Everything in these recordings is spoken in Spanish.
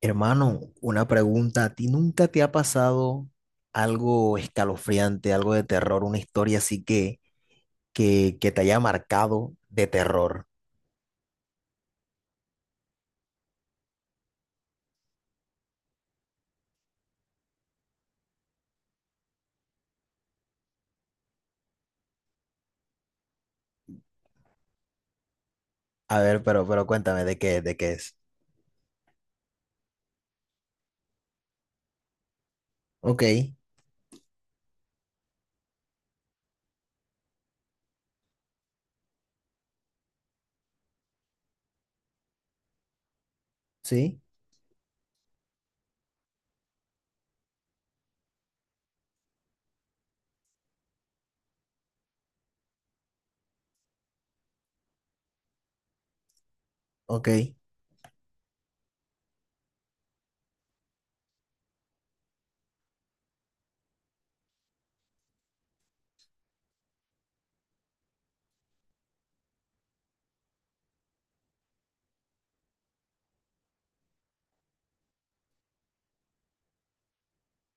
Hermano, una pregunta. ¿A ti nunca te ha pasado algo escalofriante, algo de terror, una historia así que te haya marcado de terror? A ver, pero cuéntame de qué es. Ok, sí, ok.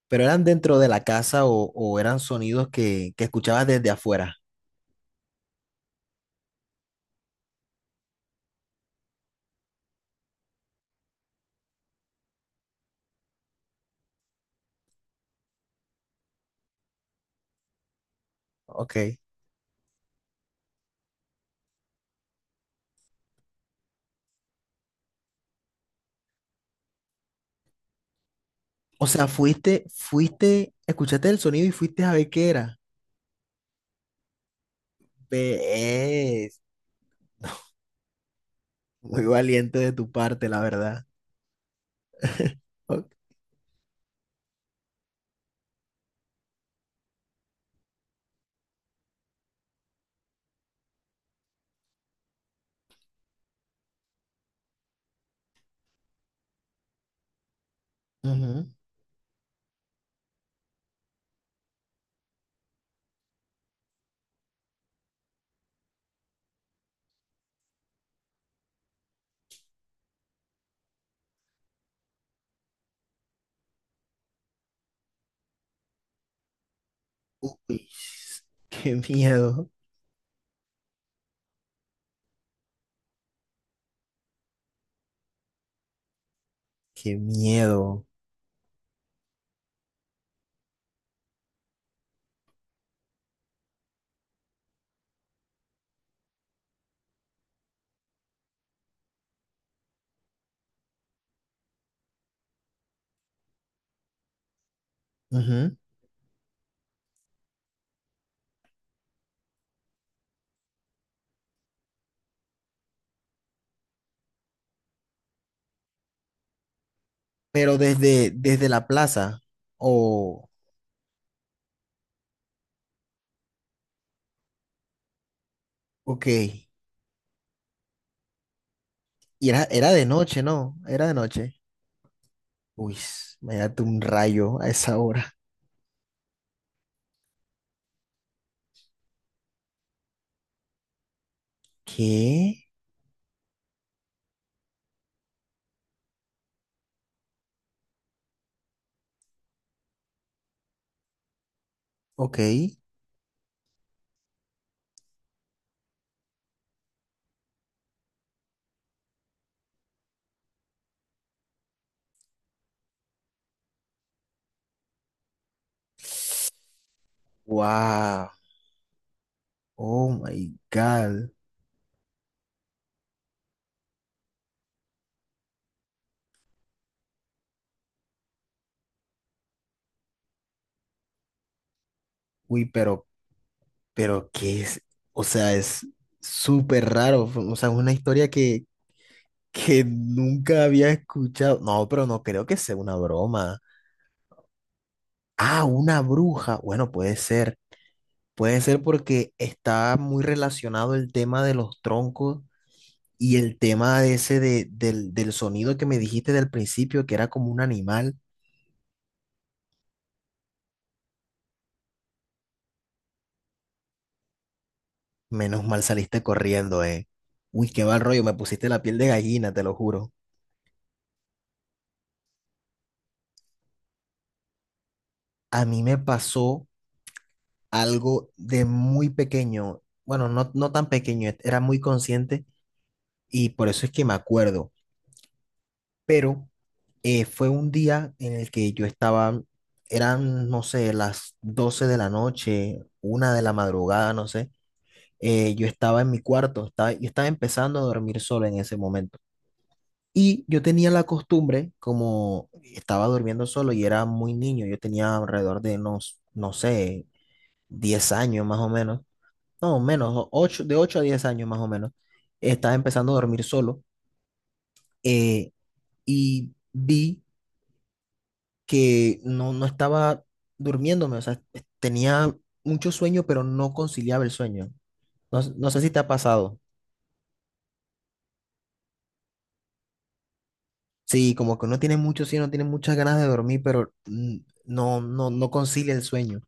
¿Pero eran dentro de la casa o eran sonidos que escuchabas desde afuera? Ok. O sea, fuiste, escuchaste el sonido y fuiste a ver qué era. Ves, muy valiente de tu parte, la verdad. Ok. Uy, qué miedo, qué miedo. Ujú. Pero desde la plaza. O ok. Y era, era de noche, ¿no? Era de noche. Uy, me date un rayo a esa hora. ¿Qué? Ok. Wow. Oh my God. Uy, pero ¿qué es? O sea, es súper raro. O sea, es una historia que nunca había escuchado. No, pero no creo que sea una broma. Ah, una bruja. Bueno, puede ser. Puede ser porque está muy relacionado el tema de los troncos y el tema de ese del sonido que me dijiste del principio, que era como un animal. Menos mal saliste corriendo, eh. Uy, qué mal rollo, me pusiste la piel de gallina, te lo juro. A mí me pasó algo de muy pequeño. Bueno, no, no tan pequeño, era muy consciente y por eso es que me acuerdo. Pero fue un día en el que yo estaba, eran, no sé, las 12 de la noche, 1 de la madrugada, no sé. Yo estaba en mi cuarto, estaba, yo estaba empezando a dormir solo en ese momento. Y yo tenía la costumbre, como estaba durmiendo solo y era muy niño, yo tenía alrededor de unos, no sé, 10 años más o menos, no, menos, 8 de 8 a 10 años más o menos, estaba empezando a dormir solo eh, y vi que no, no estaba durmiéndome, o sea, tenía mucho sueño, pero no conciliaba el sueño. No, no sé si te ha pasado. Sí, como que uno tiene mucho sueño, tiene muchas ganas de dormir, pero no concilia el sueño.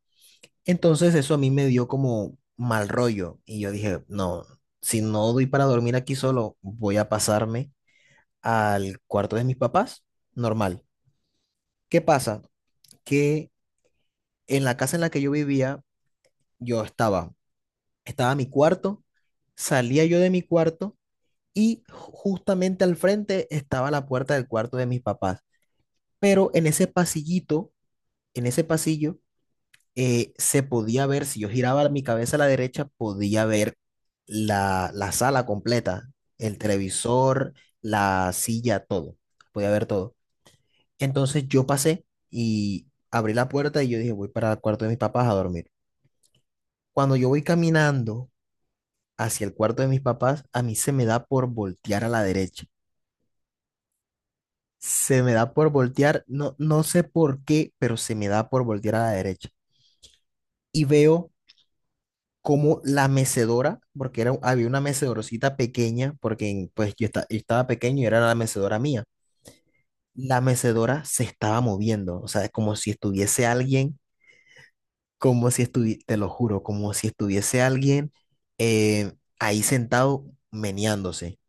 Entonces eso a mí me dio como mal rollo y yo dije, no, si no doy para dormir aquí solo, voy a pasarme al cuarto de mis papás, normal. ¿Qué pasa? Que en la casa en la que yo vivía, yo estaba, estaba mi cuarto, salía yo de mi cuarto y justamente al frente estaba la puerta del cuarto de mis papás. Pero en ese pasillito, en ese pasillo, se podía ver, si yo giraba mi cabeza a la derecha, podía ver la, la sala completa, el televisor, la silla, todo. Podía ver todo. Entonces yo pasé y abrí la puerta y yo dije, voy para el cuarto de mis papás a dormir. Cuando yo voy caminando hacia el cuarto de mis papás, a mí se me da por voltear a la derecha. Se me da por voltear, no, no sé por qué, pero se me da por voltear a la derecha. Y veo como la mecedora, porque era, había una mecedorcita pequeña, porque pues yo, yo estaba pequeño y era la mecedora mía. La mecedora se estaba moviendo, o sea, como si estuviese alguien, como si estuviese, te lo juro, como si estuviese alguien eh, ahí sentado meneándose.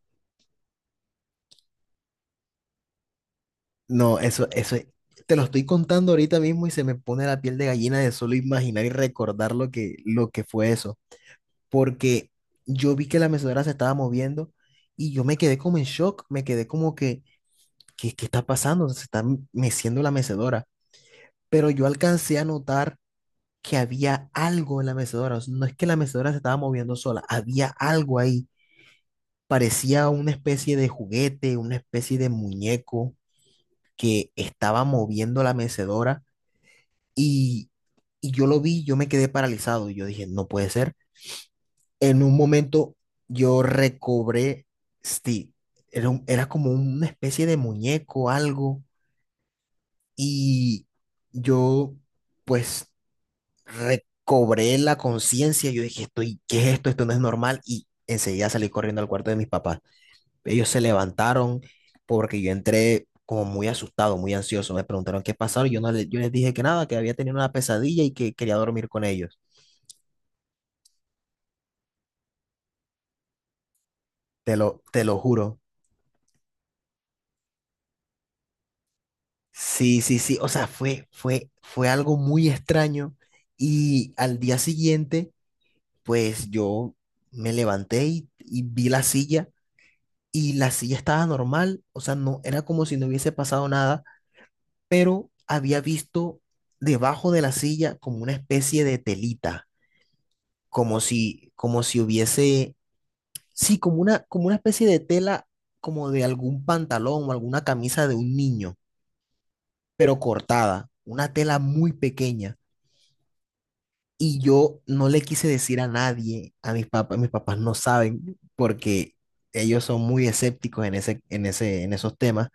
No, eso, te lo estoy contando ahorita mismo y se me pone la piel de gallina de solo imaginar y recordar lo que fue eso. Porque yo vi que la mecedora se estaba moviendo y yo me quedé como en shock, me quedé como que, ¿qué, qué está pasando? Se está meciendo la mecedora. Pero yo alcancé a notar que había algo en la mecedora. O sea, no es que la mecedora se estaba moviendo sola, había algo ahí. Parecía una especie de juguete, una especie de muñeco que estaba moviendo la mecedora. Y, y yo lo vi, yo me quedé paralizado. Y yo dije, no puede ser. En un momento yo recobré Steve. Era, era como una especie de muñeco, algo. Y yo, pues, recobré la conciencia. Yo dije, estoy, ¿qué es esto? Esto no es normal. Y enseguida salí corriendo al cuarto de mis papás. Ellos se levantaron porque yo entré como muy asustado, muy ansioso. Me preguntaron qué pasaba. Y yo no le- yo les dije que nada, que había tenido una pesadilla y que quería dormir con ellos. Te lo juro. Sí, sí, sí. O sea, fue algo muy extraño. Y al día siguiente, pues yo me levanté y vi la silla y la silla estaba normal. O sea, no era como si no hubiese pasado nada, pero había visto debajo de la silla como una especie de telita, como si hubiese, sí, como una especie de tela, como de algún pantalón o alguna camisa de un niño, pero cortada, una tela muy pequeña. Y yo no le quise decir a nadie, a mis papás no saben porque ellos son muy escépticos en ese, en esos temas.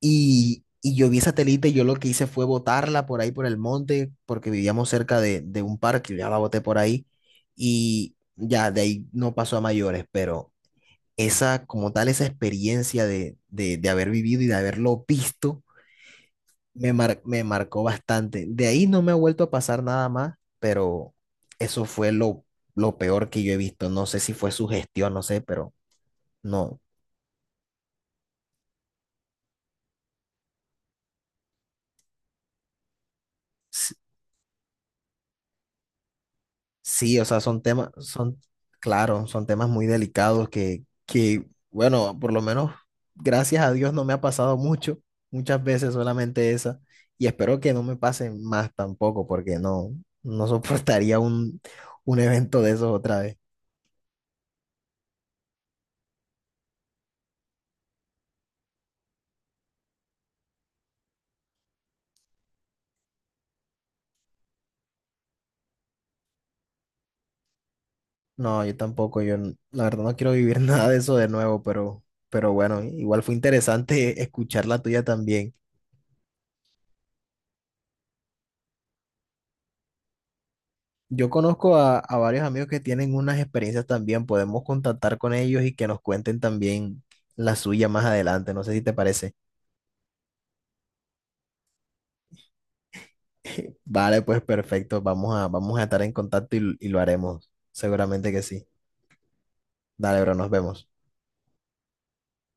Y yo vi esa telita y yo lo que hice fue botarla por ahí por el monte porque vivíamos cerca de un parque, ya la boté por ahí y ya de ahí no pasó a mayores, pero esa como tal, esa experiencia de haber vivido y de haberlo visto me, me marcó bastante. De ahí no me ha vuelto a pasar nada más, pero eso fue lo peor que yo he visto. No sé si fue su gestión, no sé, pero no. S- Sí, o sea, son temas, son, claro, son temas muy delicados bueno, por lo menos, gracias a Dios no me ha pasado mucho, muchas veces solamente esa, y espero que no me pasen más tampoco, porque no, no soportaría un evento de esos otra vez. No, yo tampoco, yo la verdad no quiero vivir nada de eso de nuevo, pero bueno, igual fue interesante escuchar la tuya también. Yo conozco a varios amigos que tienen unas experiencias también, podemos contactar con ellos y que nos cuenten también la suya más adelante, no sé si te parece. Vale, pues perfecto, vamos a, vamos a estar en contacto y lo haremos, seguramente que sí. Dale, bro, nos vemos.